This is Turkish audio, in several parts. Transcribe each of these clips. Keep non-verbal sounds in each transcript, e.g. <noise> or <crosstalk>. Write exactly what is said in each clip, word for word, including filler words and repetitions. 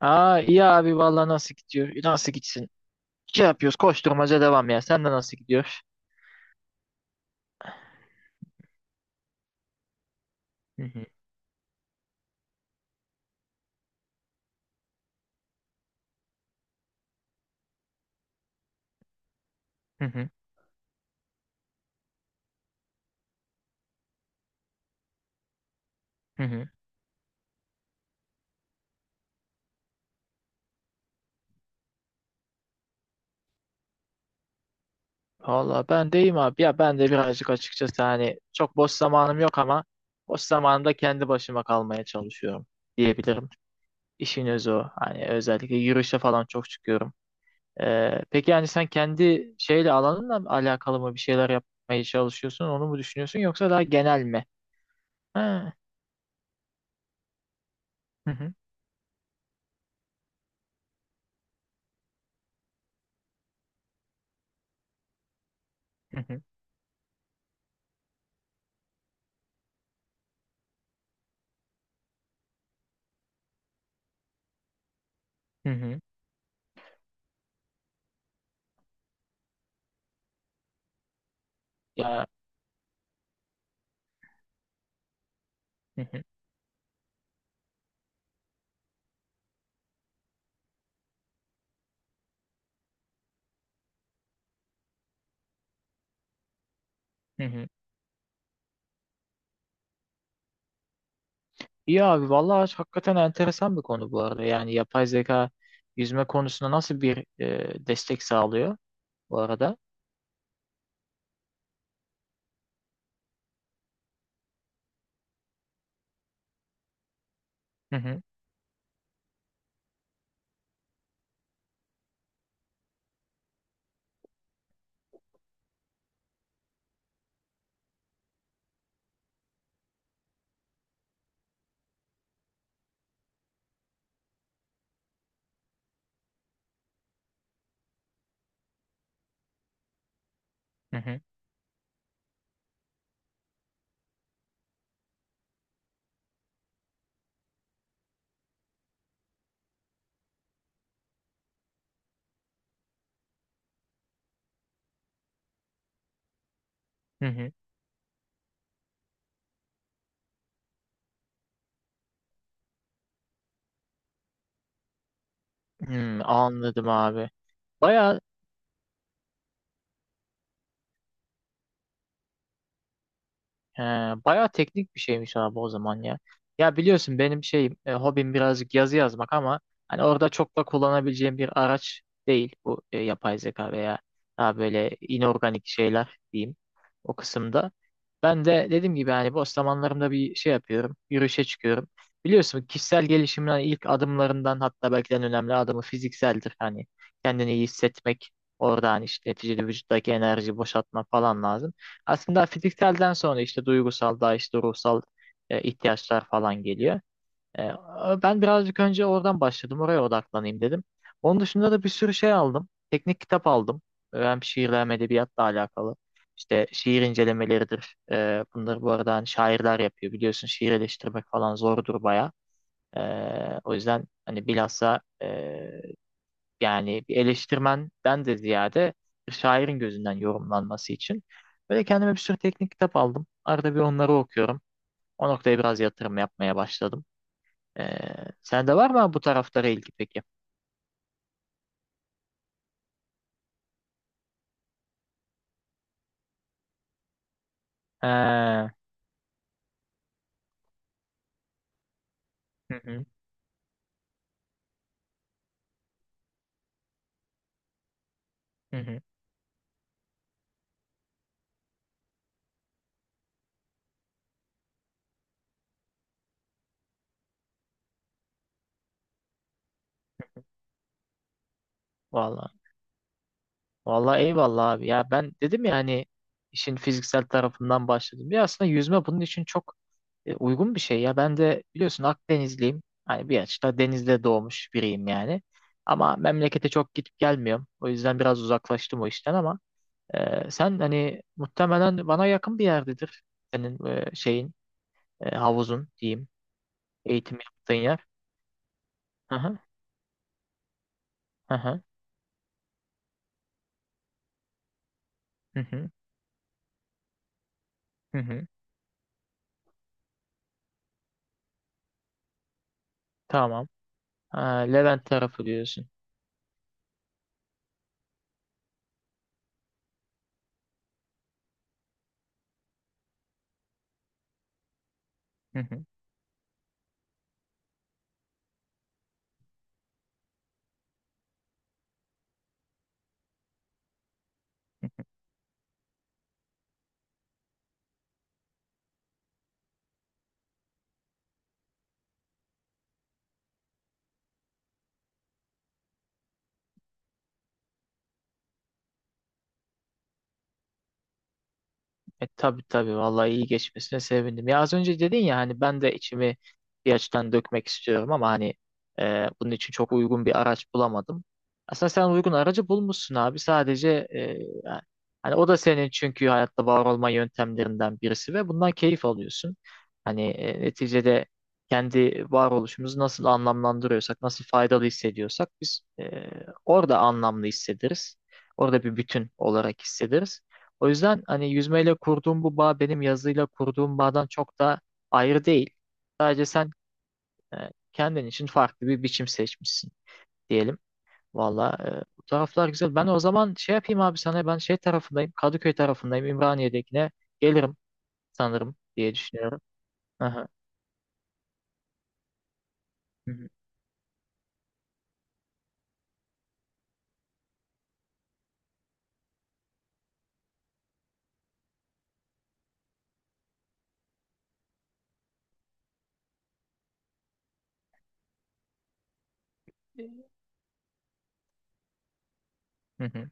Aa, iyi abi vallahi, nasıl gidiyor? Nasıl gitsin? Şey yapıyoruz, koşturmaca devam ya. Sen de nasıl gidiyor? Hı hı hı hı. Hı hı. Vallahi ben deyim abi ya, ben de birazcık açıkçası hani çok boş zamanım yok ama boş zamanımda kendi başıma kalmaya çalışıyorum diyebilirim. İşin özü o. Hani özellikle yürüyüşe falan çok çıkıyorum. Ee, peki yani sen kendi şeyle alanınla mı alakalı mı bir şeyler yapmaya çalışıyorsun, onu mu düşünüyorsun, yoksa daha genel mi? Ha. Hı hı hı hı hı hı. Ya hı hı hı hı. İyi abi vallahi hakikaten enteresan bir konu bu arada. Yani yapay zeka yüzme konusunda nasıl bir e, destek sağlıyor bu arada? Hı hı hı hı. Hı hı. Hmm, anladım abi. Baya. He, bayağı teknik bir şeymiş abi o zaman ya. Ya biliyorsun benim şeyim, e, hobim birazcık yazı yazmak ama hani orada çok da kullanabileceğim bir araç değil bu e, yapay zeka veya daha böyle inorganik şeyler diyeyim o kısımda. Ben de dediğim gibi hani boş zamanlarımda bir şey yapıyorum, yürüyüşe çıkıyorum. Biliyorsun kişisel gelişimin hani ilk adımlarından, hatta belki de en önemli adımı fizikseldir. Hani kendini iyi hissetmek, orada hani işte neticede vücuttaki enerjiyi boşaltmak falan lazım. Aslında fizikselden sonra işte duygusal, daha işte ruhsal e, ihtiyaçlar falan geliyor. E, Ben birazcık önce oradan başladım. Oraya odaklanayım dedim. Onun dışında da bir sürü şey aldım. Teknik kitap aldım. E, Hem şiirle hem edebiyatla alakalı. İşte şiir incelemeleridir. E, bunları bu arada hani şairler yapıyor. Biliyorsun şiir eleştirmek falan zordur baya. E, O yüzden hani bilhassa e, yani bir eleştirmenden de ziyade bir şairin gözünden yorumlanması için. Böyle kendime bir sürü teknik kitap aldım. Arada bir onları okuyorum. O noktaya biraz yatırım yapmaya başladım. Ee, sende var mı bu taraflara ilgi peki? Ee, hı hı, hı hı. Vallahi. Vallahi eyvallah abi. Ya ben dedim ya hani işin fiziksel tarafından başladım. Ya aslında yüzme bunun için çok e, uygun bir şey ya. Ben de biliyorsun Akdenizliyim. Hani bir açıda denizde doğmuş biriyim yani. Ama memlekete çok gidip gelmiyorum. O yüzden biraz uzaklaştım o işten ama e, sen hani muhtemelen bana yakın bir yerdedir. Senin e, şeyin, e, havuzun diyeyim. Eğitim yaptığın yer. Hı hı hı hı hı hı. Hı hı. Tamam. Ha, Levent tarafı diyorsun. E tabii tabii, vallahi iyi geçmesine sevindim. Ya az önce dedin ya hani ben de içimi bir açıdan dökmek istiyorum ama hani e, bunun için çok uygun bir araç bulamadım. Aslında sen uygun aracı bulmuşsun abi. Sadece e, hani o da senin, çünkü hayatta var olma yöntemlerinden birisi ve bundan keyif alıyorsun. Hani e, neticede kendi varoluşumuzu nasıl anlamlandırıyorsak, nasıl faydalı hissediyorsak biz e, orada anlamlı hissederiz. Orada bir bütün olarak hissederiz. O yüzden hani yüzmeyle kurduğum bu bağ, benim yazıyla kurduğum bağdan çok da ayrı değil. Sadece sen e, kendin için farklı bir biçim seçmişsin diyelim. Valla e, bu taraflar güzel. Ben o zaman şey yapayım abi, sana ben şey tarafındayım. Kadıköy tarafındayım. İmraniye'dekine gelirim sanırım diye düşünüyorum. Aha. Hı hı. E, Hı hı.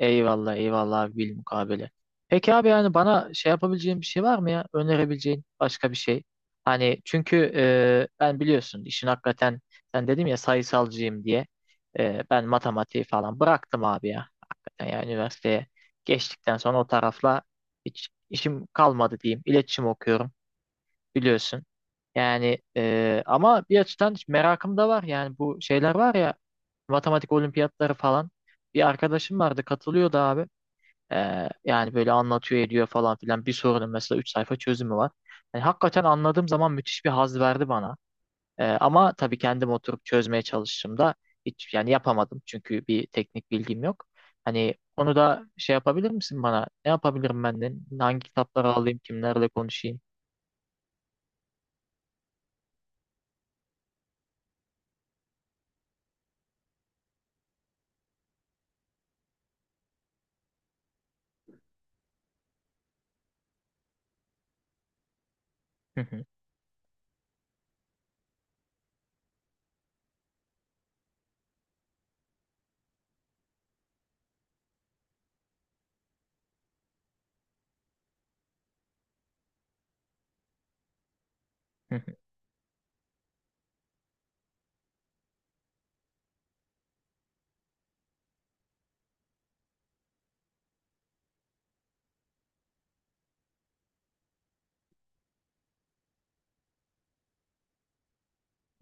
Eyvallah eyvallah abi, bilmukabele. Peki abi, yani bana şey yapabileceğin bir şey var mı ya? Önerebileceğin başka bir şey. Hani çünkü e, ben biliyorsun işin hakikaten, sen dedim ya sayısalcıyım diye. E, ben matematiği falan bıraktım abi ya. Hakikaten ya üniversiteye geçtikten sonra o tarafla hiç işim kalmadı diyeyim. İletişim okuyorum biliyorsun. Yani e, ama bir açıdan merakım da var. Yani bu şeyler var ya, matematik olimpiyatları falan. Bir arkadaşım vardı, katılıyordu abi. Ee, yani böyle anlatıyor ediyor falan filan, bir sorunun mesela üç sayfa çözümü var. Yani hakikaten anladığım zaman müthiş bir haz verdi bana. Ee, ama tabii kendim oturup çözmeye çalıştığımda hiç yani yapamadım, çünkü bir teknik bilgim yok. Hani onu da şey yapabilir misin bana? Ne yapabilirim ben de? Hangi kitapları alayım? Kimlerle konuşayım? Hı hı, hı hı,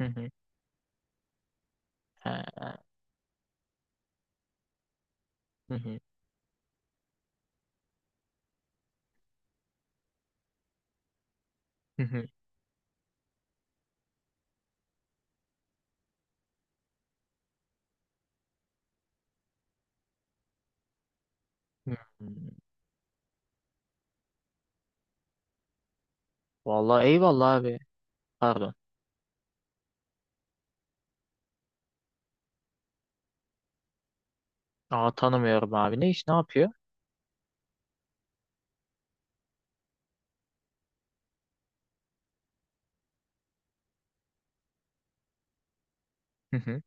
hı hı. Ha, hı hı, hı hı, hı hı. Vallahi eyvallah abi. Pardon. Aa, tanımıyorum abi. Ne iş, ne yapıyor? Hı hı.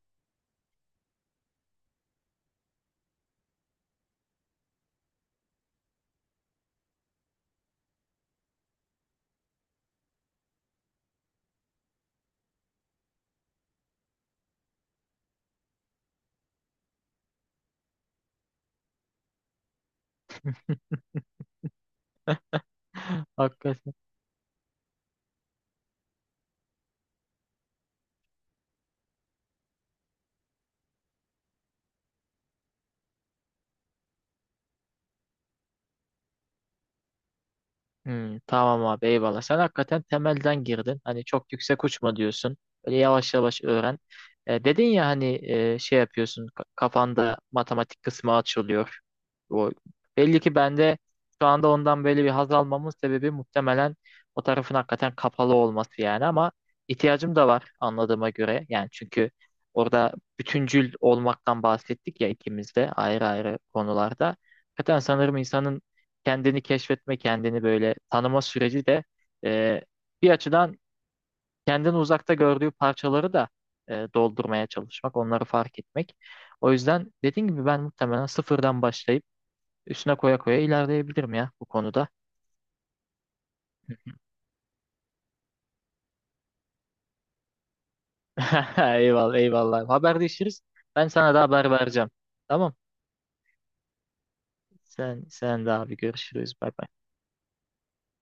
<laughs> Hakikaten. Hmm, tamam abi, eyvallah. Sen hakikaten temelden girdin. Hani çok yüksek uçma diyorsun. Böyle yavaş yavaş öğren. E, dedin ya hani e, şey yapıyorsun, ka- kafanda matematik kısmı açılıyor. O, belli ki bende şu anda ondan böyle bir haz almamın sebebi, muhtemelen o tarafın hakikaten kapalı olması yani. Ama ihtiyacım da var anladığıma göre. Yani çünkü orada bütüncül olmaktan bahsettik ya, ikimiz de ayrı ayrı konularda. Hakikaten sanırım insanın kendini keşfetme, kendini böyle tanıma süreci de e, bir açıdan kendini uzakta gördüğü parçaları da e, doldurmaya çalışmak, onları fark etmek. O yüzden dediğim gibi ben muhtemelen sıfırdan başlayıp üstüne koya koya ilerleyebilirim ya bu konuda. <laughs> Eyvallah, eyvallah. Haberleşiriz. Ben sana da haber vereceğim. Tamam. Sen sen de abi, görüşürüz. Bay bay.